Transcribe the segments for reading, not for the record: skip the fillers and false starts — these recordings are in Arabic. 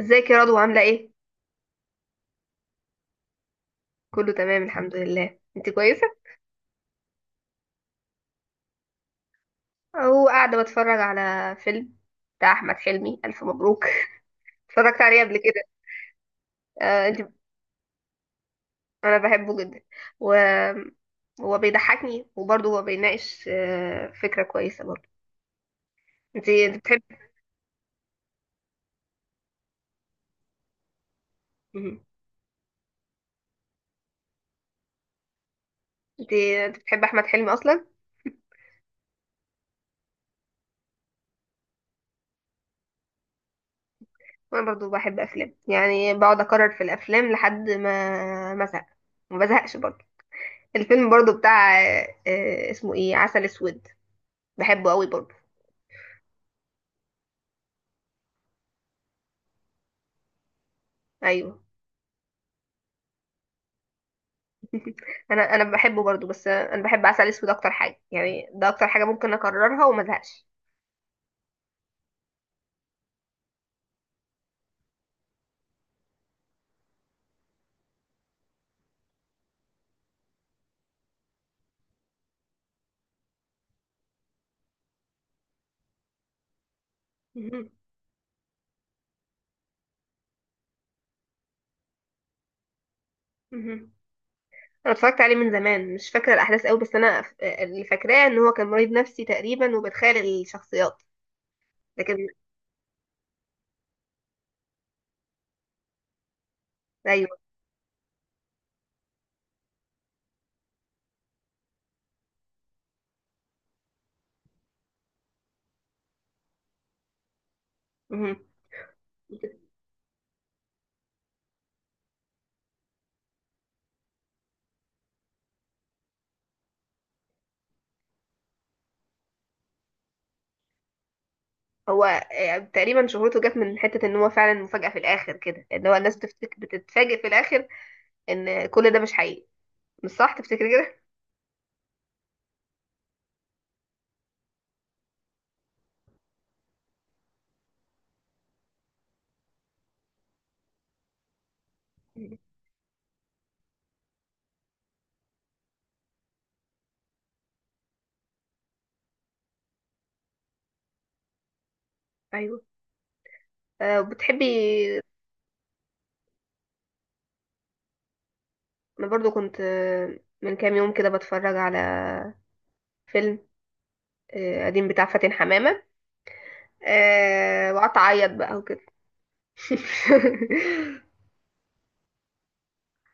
ازيك يا رضوى عاملة ايه؟ كله تمام الحمد لله، انت كويسة؟ اهو قاعدة بتفرج على فيلم بتاع احمد حلمي، الف مبروك. اتفرجت عليه قبل كده. آه انت، انا بحبه جدا و هو بيضحكني وبرضه هو بيناقش فكرة كويسة برضه. انت بتحب. مهم. انت بتحب احمد حلمي اصلا؟ وانا برضه بحب افلام، يعني بقعد اكرر في الافلام لحد ما ازهق، ما بزهقش برضه. الفيلم برضه بتاع اسمه ايه، عسل اسود. بحبه قوي برضه. ايوه. انا بحبه برضو، بس انا بحب عسل اسود اكتر حاجه، يعني ده اكتر حاجه ممكن اكررها وما ازهقش. مهم. مهم. انا اتفرجت عليه من زمان، مش فاكره الاحداث قوي، بس انا اللي فاكراه ان هو كان مريض نفسي تقريبا وبيتخيل الشخصيات. لكن ايوه. مهم. هو تقريبا شهرته جت من حته ان هو فعلا مفاجاه في الاخر كده، ان هو الناس بتتفاجئ في الاخر ان كل ده مش حقيقي. مش صح تفتكري كده؟ مهم. ايوه. بتحبي. انا برضو كنت، من كام يوم كده بتفرج على فيلم قديم بتاع فاتن حمامة. وقعدت أعيط بقى وكده.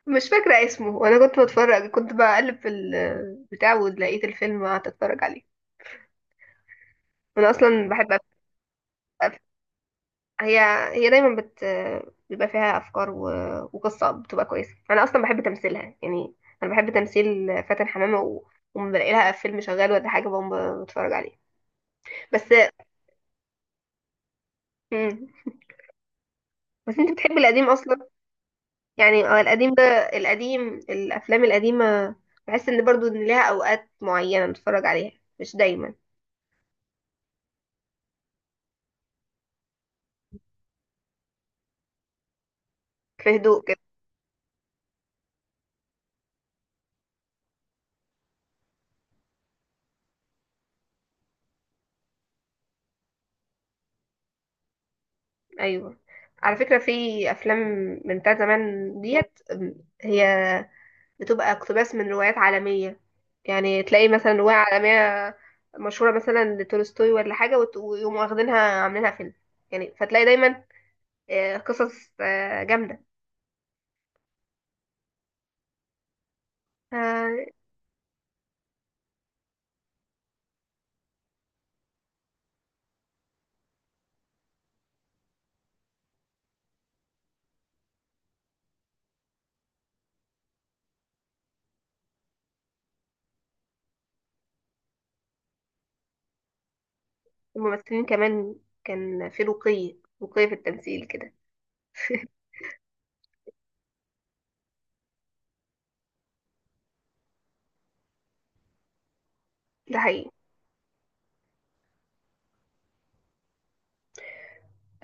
مش فاكرة اسمه، وأنا كنت بتفرج، كنت بقلب في البتاع ولقيت الفيلم وقعدت أتفرج عليه. أنا أصلا بحب أف- هي، هي دايما بت بيبقى فيها أفكار و... وقصة بتبقى كويسة. أنا أصلا بحب تمثيلها يعني. أنا بحب تمثيل فاتن حمامة، و... وما بلاقي لها فيلم شغال ولا حاجة بقوم بتفرج عليه. بس مم. بس أنت بتحبي القديم أصلا، يعني هو القديم ده، القديم، الافلام القديمه، بحس ان برضو ان ليها اوقات معينه نتفرج عليها، مش دايما، في هدوء كده. ايوه. على فكره، في افلام من بتاع زمان هي بتبقى اقتباس من روايات عالميه، يعني تلاقي مثلا روايه عالميه مشهوره، مثلا لتولستوي ولا حاجه، ويقوموا واخدينها عاملينها فيلم. يعني فتلاقي دايما قصص جامده. آه، الممثلين كمان، كان في رقي، رقي في التمثيل كده. ده حقيقي.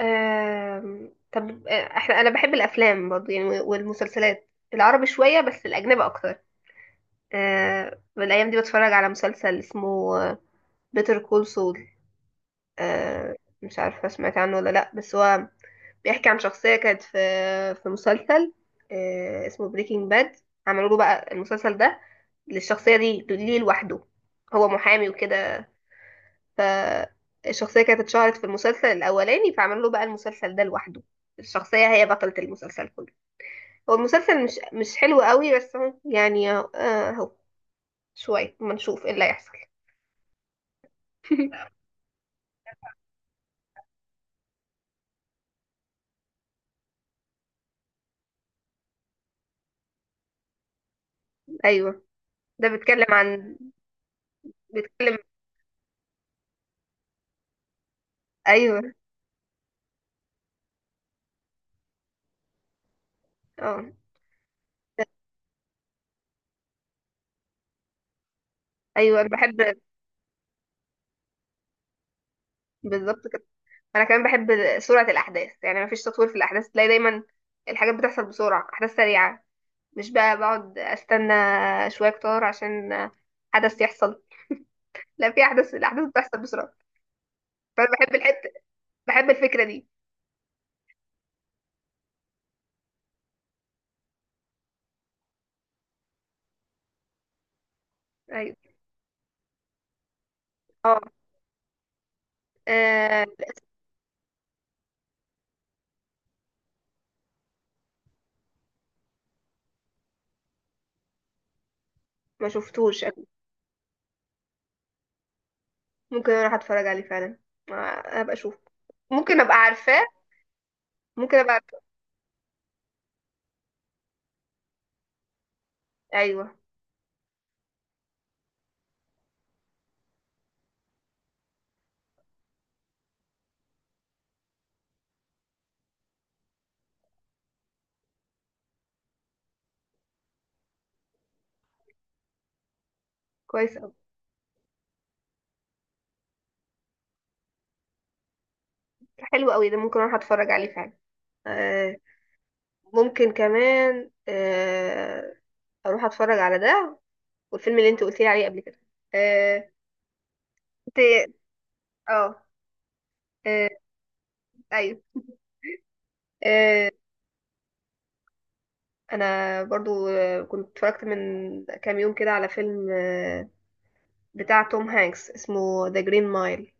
طب احنا، انا بحب الافلام برضه، يعني والمسلسلات العربي شويه بس الاجنبي اكتر. الايام دي بتفرج على مسلسل اسمه بيتر كول سول. آه... مش عارفه سمعت عنه ولا لا، بس هو بيحكي عن شخصيه كانت في في مسلسل اسمه بريكنج باد. عملوا له بقى المسلسل ده للشخصيه دي ليه لوحده. هو محامي وكده، فالشخصية كانت اتشهرت في المسلسل الأولاني فعملوا له بقى المسلسل ده لوحده. الشخصية هي بطلة المسلسل كله. هو المسلسل مش حلو قوي، بس هو يعني اهو، شوية ما نشوف ايه اللي هيحصل. ايوه. ده بيتكلم عن، بيتكلم، ايوه. اه، ايوه انا بحب، بالظبط كده. انا كمان بحب سرعة الاحداث، يعني ما فيش تطوير في الاحداث، تلاقي دايما الحاجات بتحصل بسرعة، احداث سريعة، مش بقى بقعد استنى شوية كتار عشان حدث يحصل. لا، في احداث، الاحداث بتحصل بسرعه، فانا بحب الحته، بحب الفكره دي. ايوه. اه. آه، ما شفتوش أكيد. ممكن اروح اتفرج عليه فعلا، آه، ابقى اشوف، ممكن ابقى عارفاه. ممكن ابقى عارفاه. ايوه. كويس قوي. حلو قوي ده، ممكن اروح اتفرج عليه فعلا. آه، ممكن كمان اروح اتفرج على ده، والفيلم اللي انت قلت لي عليه قبل كده. آه، انت. اه. آه، ايوه. آه، انا برضو كنت اتفرجت من كام يوم كده على فيلم بتاع توم هانكس، اسمه ذا جرين مايل.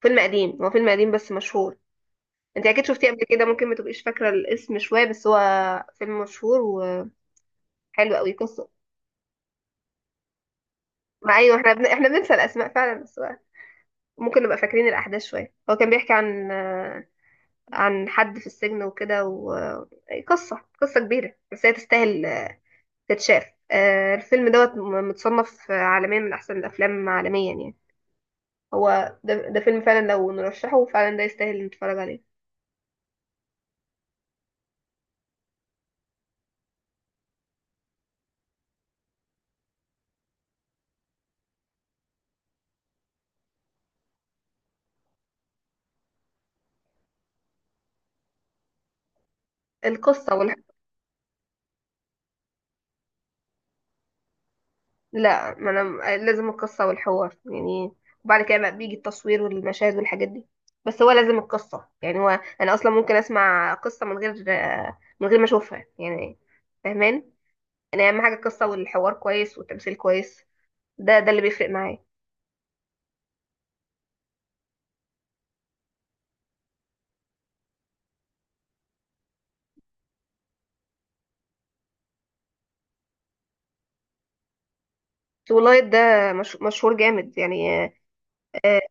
فيلم قديم، هو فيلم قديم بس مشهور. انت اكيد شفتيه قبل كده، ممكن ما تبقيش فاكره الاسم شويه، بس هو فيلم مشهور وحلو قوي. قصه، ما ايوه، احنا بننسى الاسماء فعلا، بس بقى ممكن نبقى فاكرين الاحداث شويه. هو كان بيحكي عن عن حد في السجن وكده، وقصه، قصه كبيره، بس هي تستاهل تتشاف. الفيلم دوت متصنف عالميا من احسن الافلام عالميا يعني. هو ده, ده فيلم فعلا لو نرشحه فعلا ده يستاهل نتفرج عليه. القصة، لا، ما انا لازم القصه والحوار يعني، وبعد كده بقى بيجي التصوير والمشاهد والحاجات دي. بس هو لازم القصه يعني. هو انا اصلا ممكن اسمع قصه من غير ما اشوفها يعني. فاهمان. انا اهم حاجه القصه والحوار كويس والتمثيل كويس، ده اللي بيفرق معايا. سو لايت ده مش... مشهور جامد يعني. آه،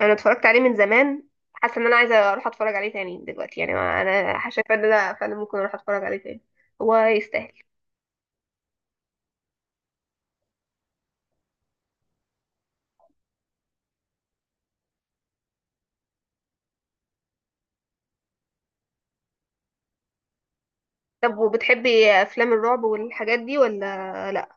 انا اتفرجت عليه من زمان، حاسه ان انا عايزه اروح اتفرج عليه تاني دلوقتي. يعني انا شايفه ان ده فعلا ممكن اروح اتفرج عليه تاني. هو يستاهل. طب وبتحبي افلام الرعب والحاجات دي ولا لا؟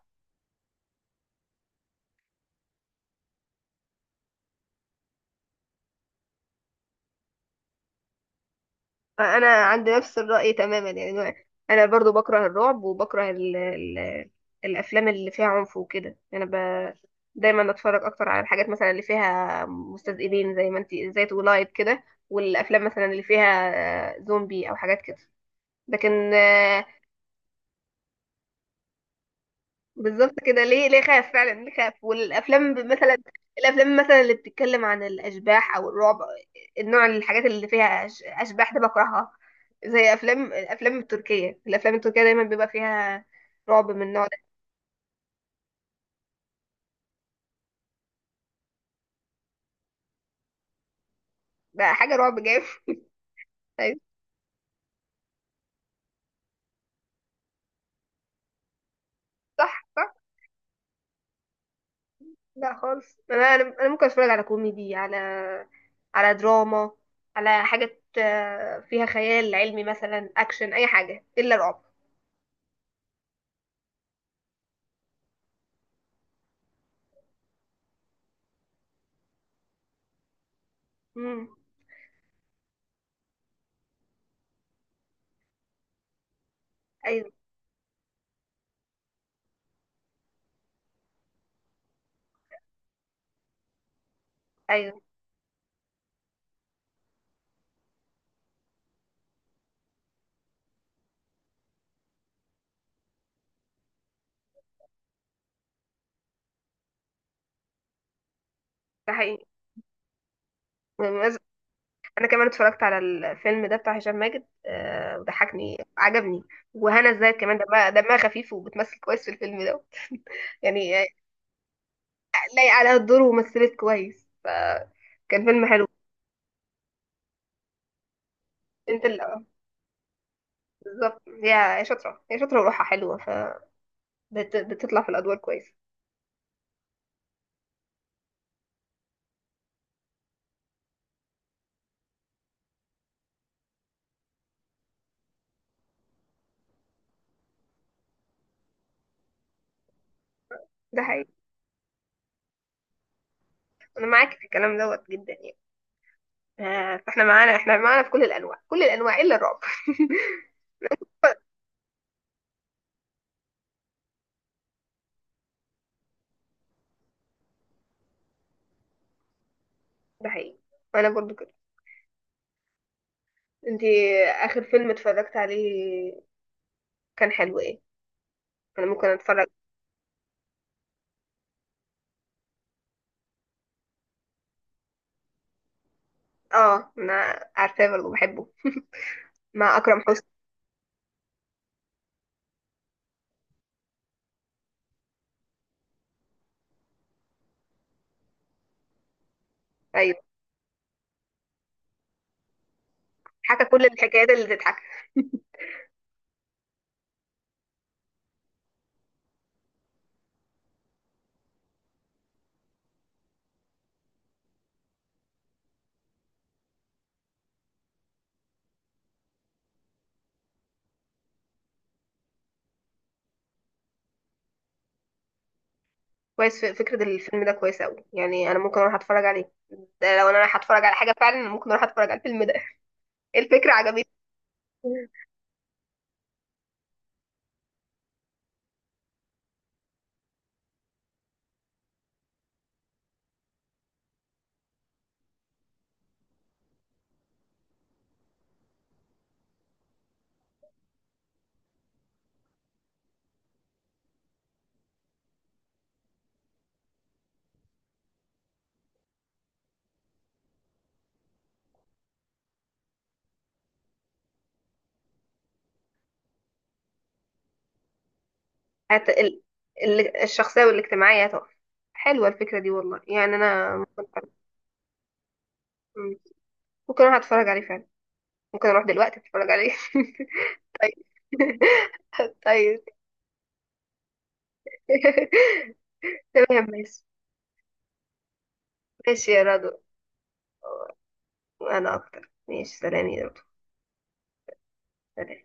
انا عندي نفس الرأي تماما يعني، انا برضو بكره الرعب وبكره ال ال الافلام اللي فيها عنف وكده. دايما اتفرج اكتر على الحاجات مثلا اللي فيها مستذئبين، زي ما انت، زي تولايت كده، والافلام مثلا اللي فيها زومبي او حاجات كده. لكن بالظبط كده، ليه خاف فعلا، ليه خاف. والافلام مثلا الافلام مثلا اللي بتتكلم عن الاشباح او الرعب، النوع، الحاجات اللي فيها اشباح ده بكرهها، زي افلام، الافلام التركيه، الافلام التركيه دايما بيبقى فيها رعب من النوع ده. ده حاجه رعب جامد. أيوة، صح صح. لا خالص، انا انا أنا ممكن اتفرج على كوميدي، على على دراما، على حاجه فيها خيال علمي مثلا، اكشن، اي حاجه الا رعب. امم. ايوه. ايوه ده حقيقي. انا كمان اتفرجت على الفيلم ده بتاع هشام ماجد، وضحكني عجبني. وهنا ازاي كمان، دمها خفيف وبتمثل كويس في الفيلم ده، يعني لايق عليها الدور، ومثلت كويس، فكان فيلم حلو. انت اللي، بالظبط. هي شاطره، هي شاطره وروحها حلوه، فبتطلع في الادوار كويس. ده حقيقي. انا معاك في الكلام دوت جدا يعني، فاحنا معانا، احنا معانا في كل الانواع، كل الانواع الا الرعب. ده حقيقي، انا برضو كده. انت اخر فيلم اتفرجت عليه كان حلو ايه؟ انا ممكن اتفرج. اه انا عارفاه برضه، بحبه، مع اكرم حسني. ايوه. حكى كل الحكايات اللي تضحك. كويس. فكره الفيلم ده كويسه قوي يعني، انا ممكن اروح اتفرج عليه. ده لو انا رايحه اتفرج على حاجه فعلا، ممكن اروح اتفرج على الفيلم ده. الفكره عجبتني. هت... ال... الشخصيه والاجتماعيه طبعا. حلوه الفكره دي والله، يعني انا ممكن. مم. ممكن اروح اتفرج عليه فعلا، ممكن اروح دلوقتي اتفرج عليه. طيب. طيب. تمام ماشي. ماشي يا رضوى. انا اكتر، ماشي، سلام يا رب. ال-